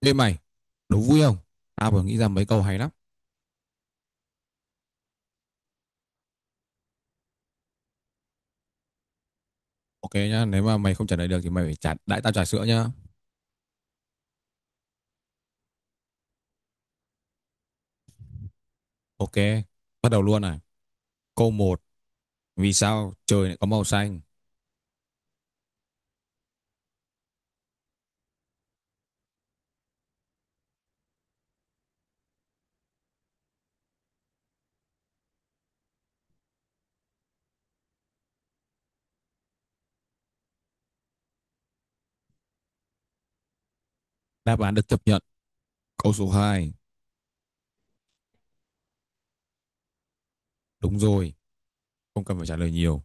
Ê mày, đố vui không? Tao vừa nghĩ ra mấy câu hay lắm. Ok nhá, nếu mà mày không trả lời được thì mày phải trả đãi tao trà sữa nhá. Ok, bắt đầu luôn này. Câu một, vì sao trời lại có màu xanh? Đáp án được chấp nhận. Câu số hai, đúng rồi, không cần phải trả lời nhiều.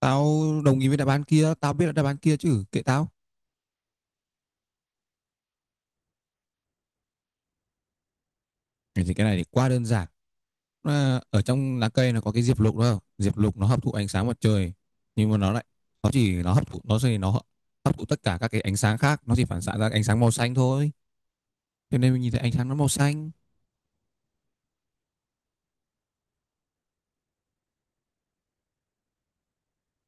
Tao đồng ý với đáp án kia, tao biết là đáp án kia chứ, kệ tao. Thế thì cái này thì quá đơn giản. À, ở trong lá cây nó có cái diệp lục đó. Diệp lục nó hấp thụ ánh sáng mặt trời, nhưng mà nó lại nó chỉ nó hấp thụ, nó thì nó hấp thụ tất cả các cái ánh sáng khác, nó chỉ phản xạ ra ánh sáng màu xanh thôi. Cho nên mình nhìn thấy ánh sáng nó màu xanh.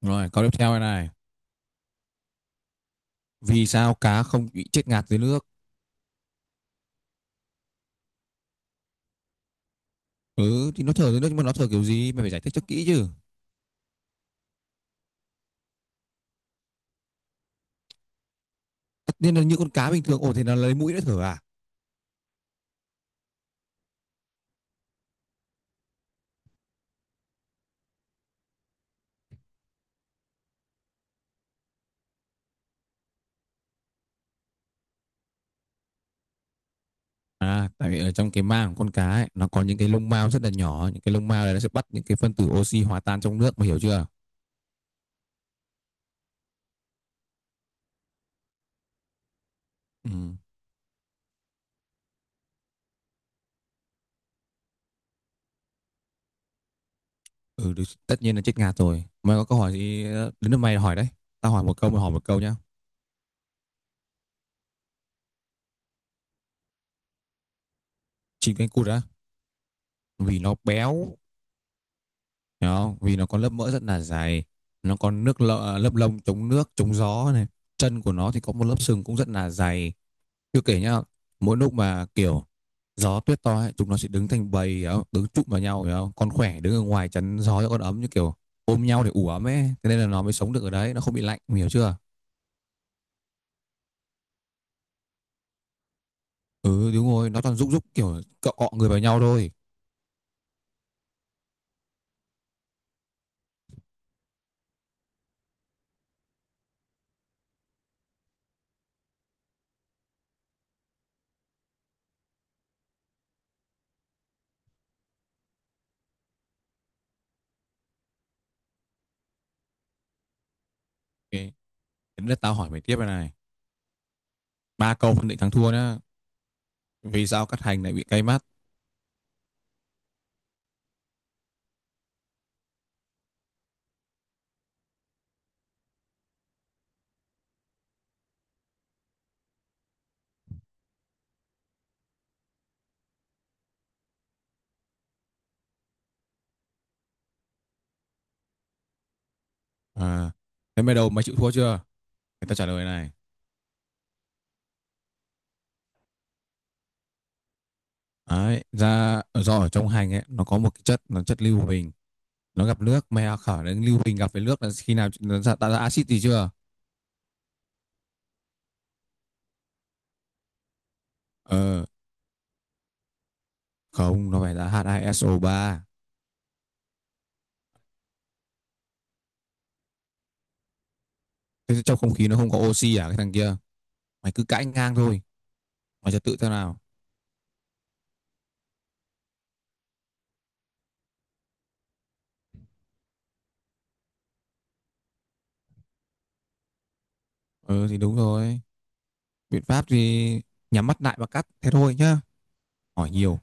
Rồi, câu tiếp theo này này. Vì sao cá không bị chết ngạt dưới nước? Ừ, thì nó thở dưới nước nhưng mà nó thở kiểu gì? Mày phải giải thích cho kỹ chứ. Tất nhiên là như con cá bình thường, ồ thì nó lấy mũi nó thở à? À, tại vì ở trong cái mang của con cá ấy, nó có những cái lông mao rất là nhỏ, những cái lông mao này nó sẽ bắt những cái phân tử oxy hòa tan trong nước, mày hiểu chưa? Ừ. Ừ, được, tất nhiên là chết ngạt rồi. Mày có câu hỏi gì đến lượt mày hỏi đấy. Tao hỏi một câu, mày hỏi một câu nhá. Chim cánh cụt á, vì nó béo, hiểu không? Vì nó có lớp mỡ rất là dày, nó có nước lợ, lớp lông chống nước, chống gió này. Chân của nó thì có một lớp sừng cũng rất là dày. Chưa kể nhá, mỗi lúc mà kiểu gió tuyết to ấy, chúng nó sẽ đứng thành bầy, hiểu không? Đứng chụm vào nhau, hiểu không? Con khỏe đứng ở ngoài chắn gió cho con ấm, như kiểu ôm nhau để ủ ấm ấy. Thế nên là nó mới sống được ở đấy, nó không bị lạnh, hiểu chưa? Ừ, đúng rồi, nó toàn rúc rúc kiểu cọ cọ người vào nhau thôi. Ok, đến lượt tao hỏi mày tiếp này này. Ba câu phân định thắng thua nhá. Vì sao cắt hành lại bị cay mắt? À, thế mày đầu mày chịu thua chưa? Người ta trả lời này, đấy ra do ở trong hành ấy nó có một cái chất, nó chất lưu huỳnh, nó gặp nước mày à, khở đến lưu huỳnh gặp với nước là khi nào nó ra, tạo ra axit gì chưa? Ờ, không, nó phải là H2SO3. Thế trong không khí nó không có oxy à cái thằng kia, mày cứ cãi ngang thôi, mày trật tự thế nào. Ừ thì đúng rồi, biện pháp thì nhắm mắt lại và cắt thế thôi nhá. Hỏi nhiều.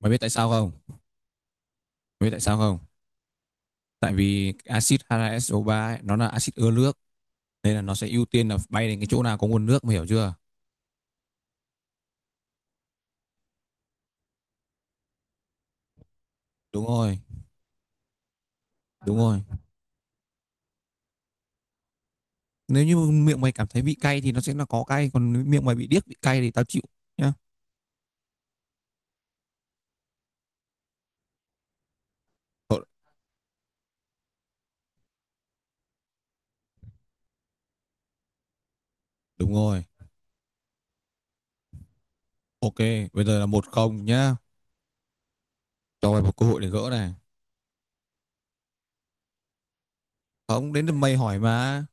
Mày biết tại sao không? Mày biết tại sao không? Tại vì axit H2SO3 ấy, nó là axit ưa nước, nên là nó sẽ ưu tiên là bay đến cái chỗ nào có nguồn nước, mày hiểu chưa? Đúng rồi, đúng rồi. Nếu như miệng mày cảm thấy vị cay thì nó sẽ là có cay, còn nếu miệng mày bị điếc bị cay thì tao chịu nhá. Thôi, đúng rồi. Ok, bây giờ là một không nhá. Cho mày một cơ hội để gỡ này. Không, đến lượt mày hỏi mà.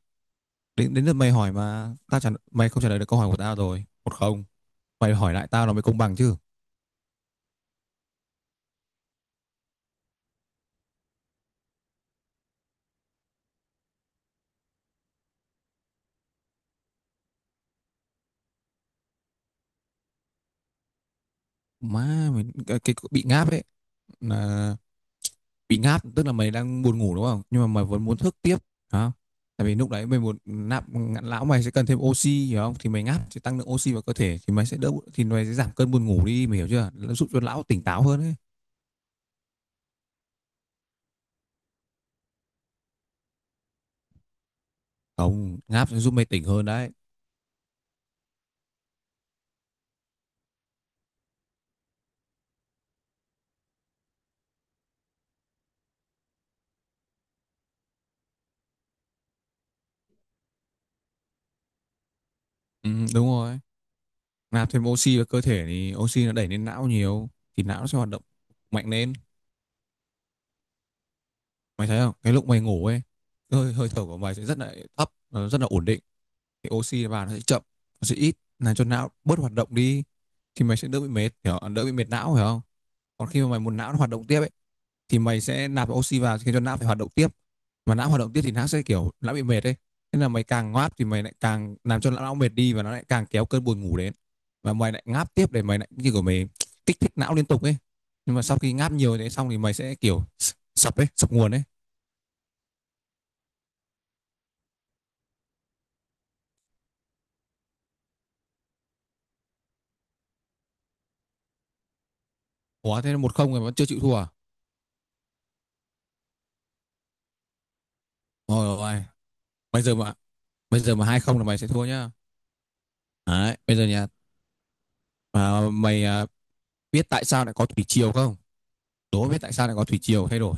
Đến đến lượt mày hỏi mà, tao mày không trả lời được câu hỏi của tao rồi. Một không. Mày hỏi lại tao nó mới công bằng chứ. Má mày cái, bị ngáp ấy là bị ngáp, tức là mày đang buồn ngủ đúng không, nhưng mà mày vẫn muốn thức tiếp hả? Tại vì lúc đấy mày muốn nạp, lão mày sẽ cần thêm oxy, hiểu không? Thì mày ngáp sẽ tăng lượng oxy vào cơ thể, thì mày sẽ đỡ, thì mày sẽ giảm cơn buồn ngủ đi, mày hiểu chưa? Nó giúp cho lão tỉnh táo hơn ấy. Không, ngáp sẽ giúp mày tỉnh hơn đấy. Ừ, đúng rồi, nạp thêm oxy vào cơ thể thì oxy nó đẩy lên não nhiều, thì não nó sẽ hoạt động mạnh lên. Mày thấy không, cái lúc mày ngủ ấy, hơi hơi thở của mày sẽ rất là thấp, nó rất là ổn định, thì oxy vào nó sẽ chậm, nó sẽ ít làm cho não bớt hoạt động đi, thì mày sẽ đỡ bị mệt, hiểu không? Đỡ bị mệt não, hiểu không? Còn khi mà mày muốn não nó hoạt động tiếp ấy, thì mày sẽ nạp oxy vào khiến cho não phải hoạt động tiếp, mà não hoạt động tiếp thì não sẽ kiểu não bị mệt đấy, thế là mày càng ngáp thì mày lại càng làm cho não mệt đi, và nó lại càng kéo cơn buồn ngủ đến, và mày lại ngáp tiếp để mày lại như của mày kích thích não liên tục ấy, nhưng mà sau khi ngáp nhiều thế xong thì mày sẽ kiểu sập ấy, sập nguồn ấy. Ủa thế là một không rồi vẫn chưa chịu thua à? Rồi rồi, bây giờ mà bây giờ mà hai không là mày sẽ thua nhá. Đấy, bây giờ nhà, à, mày à, biết tại sao lại có thủy triều không? Đố biết tại sao lại có thủy triều thay đổi.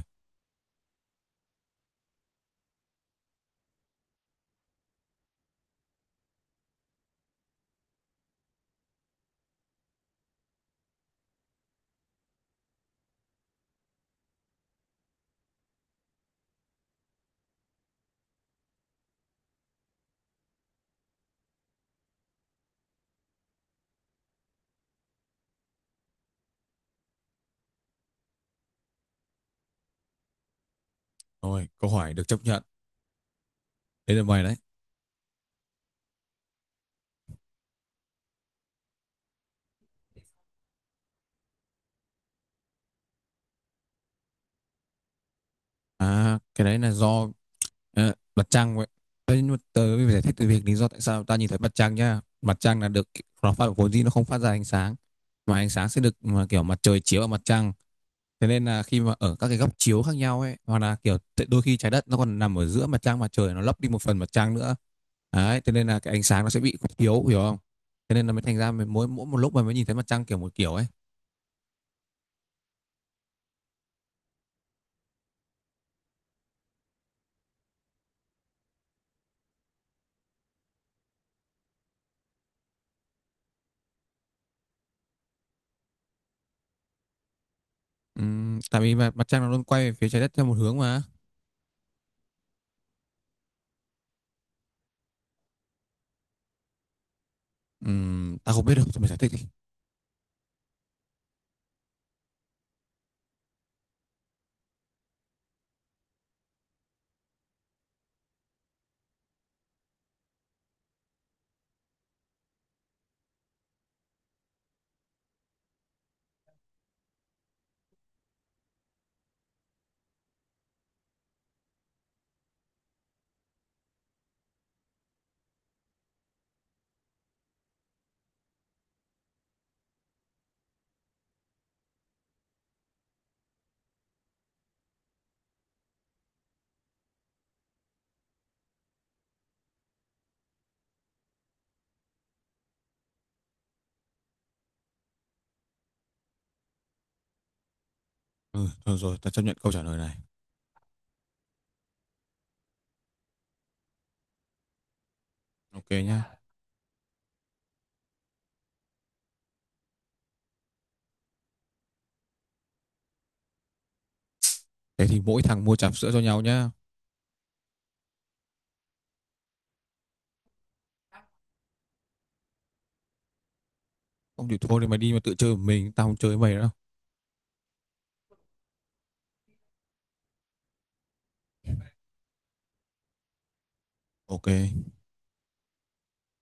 Rồi, câu hỏi được chấp nhận. Thế là mày đấy. À, cái đấy là do, à, mặt trăng vậy. Thế nhưng mà tớ phải giải thích từ việc lý do tại sao ta nhìn thấy mặt trăng nhá. Mặt trăng là được, nó phát vốn dĩ nó không phát ra ánh sáng, mà ánh sáng sẽ được mà kiểu mặt trời chiếu vào mặt trăng. Thế nên là khi mà ở các cái góc chiếu khác nhau ấy, hoặc là kiểu đôi khi trái đất nó còn nằm ở giữa mặt trăng mặt trời, nó lấp đi một phần mặt trăng nữa. Đấy, thế nên là cái ánh sáng nó sẽ bị yếu, hiểu không? Thế nên là mới thành ra mình mỗi mỗi một lúc mà mới nhìn thấy mặt trăng kiểu một kiểu ấy. Tại vì mà mặt trăng nó luôn quay về phía trái đất theo một hướng mà. Ta không biết đâu, thôi mày giải thích đi. Ừ, thôi rồi, ta chấp nhận câu trả lời này. Ok nhá. Thế thì mỗi thằng mua trà sữa cho nhau nhá. Không thì thôi thì mày đi mà tự chơi một mình, tao không chơi với mày nữa đâu. Ok.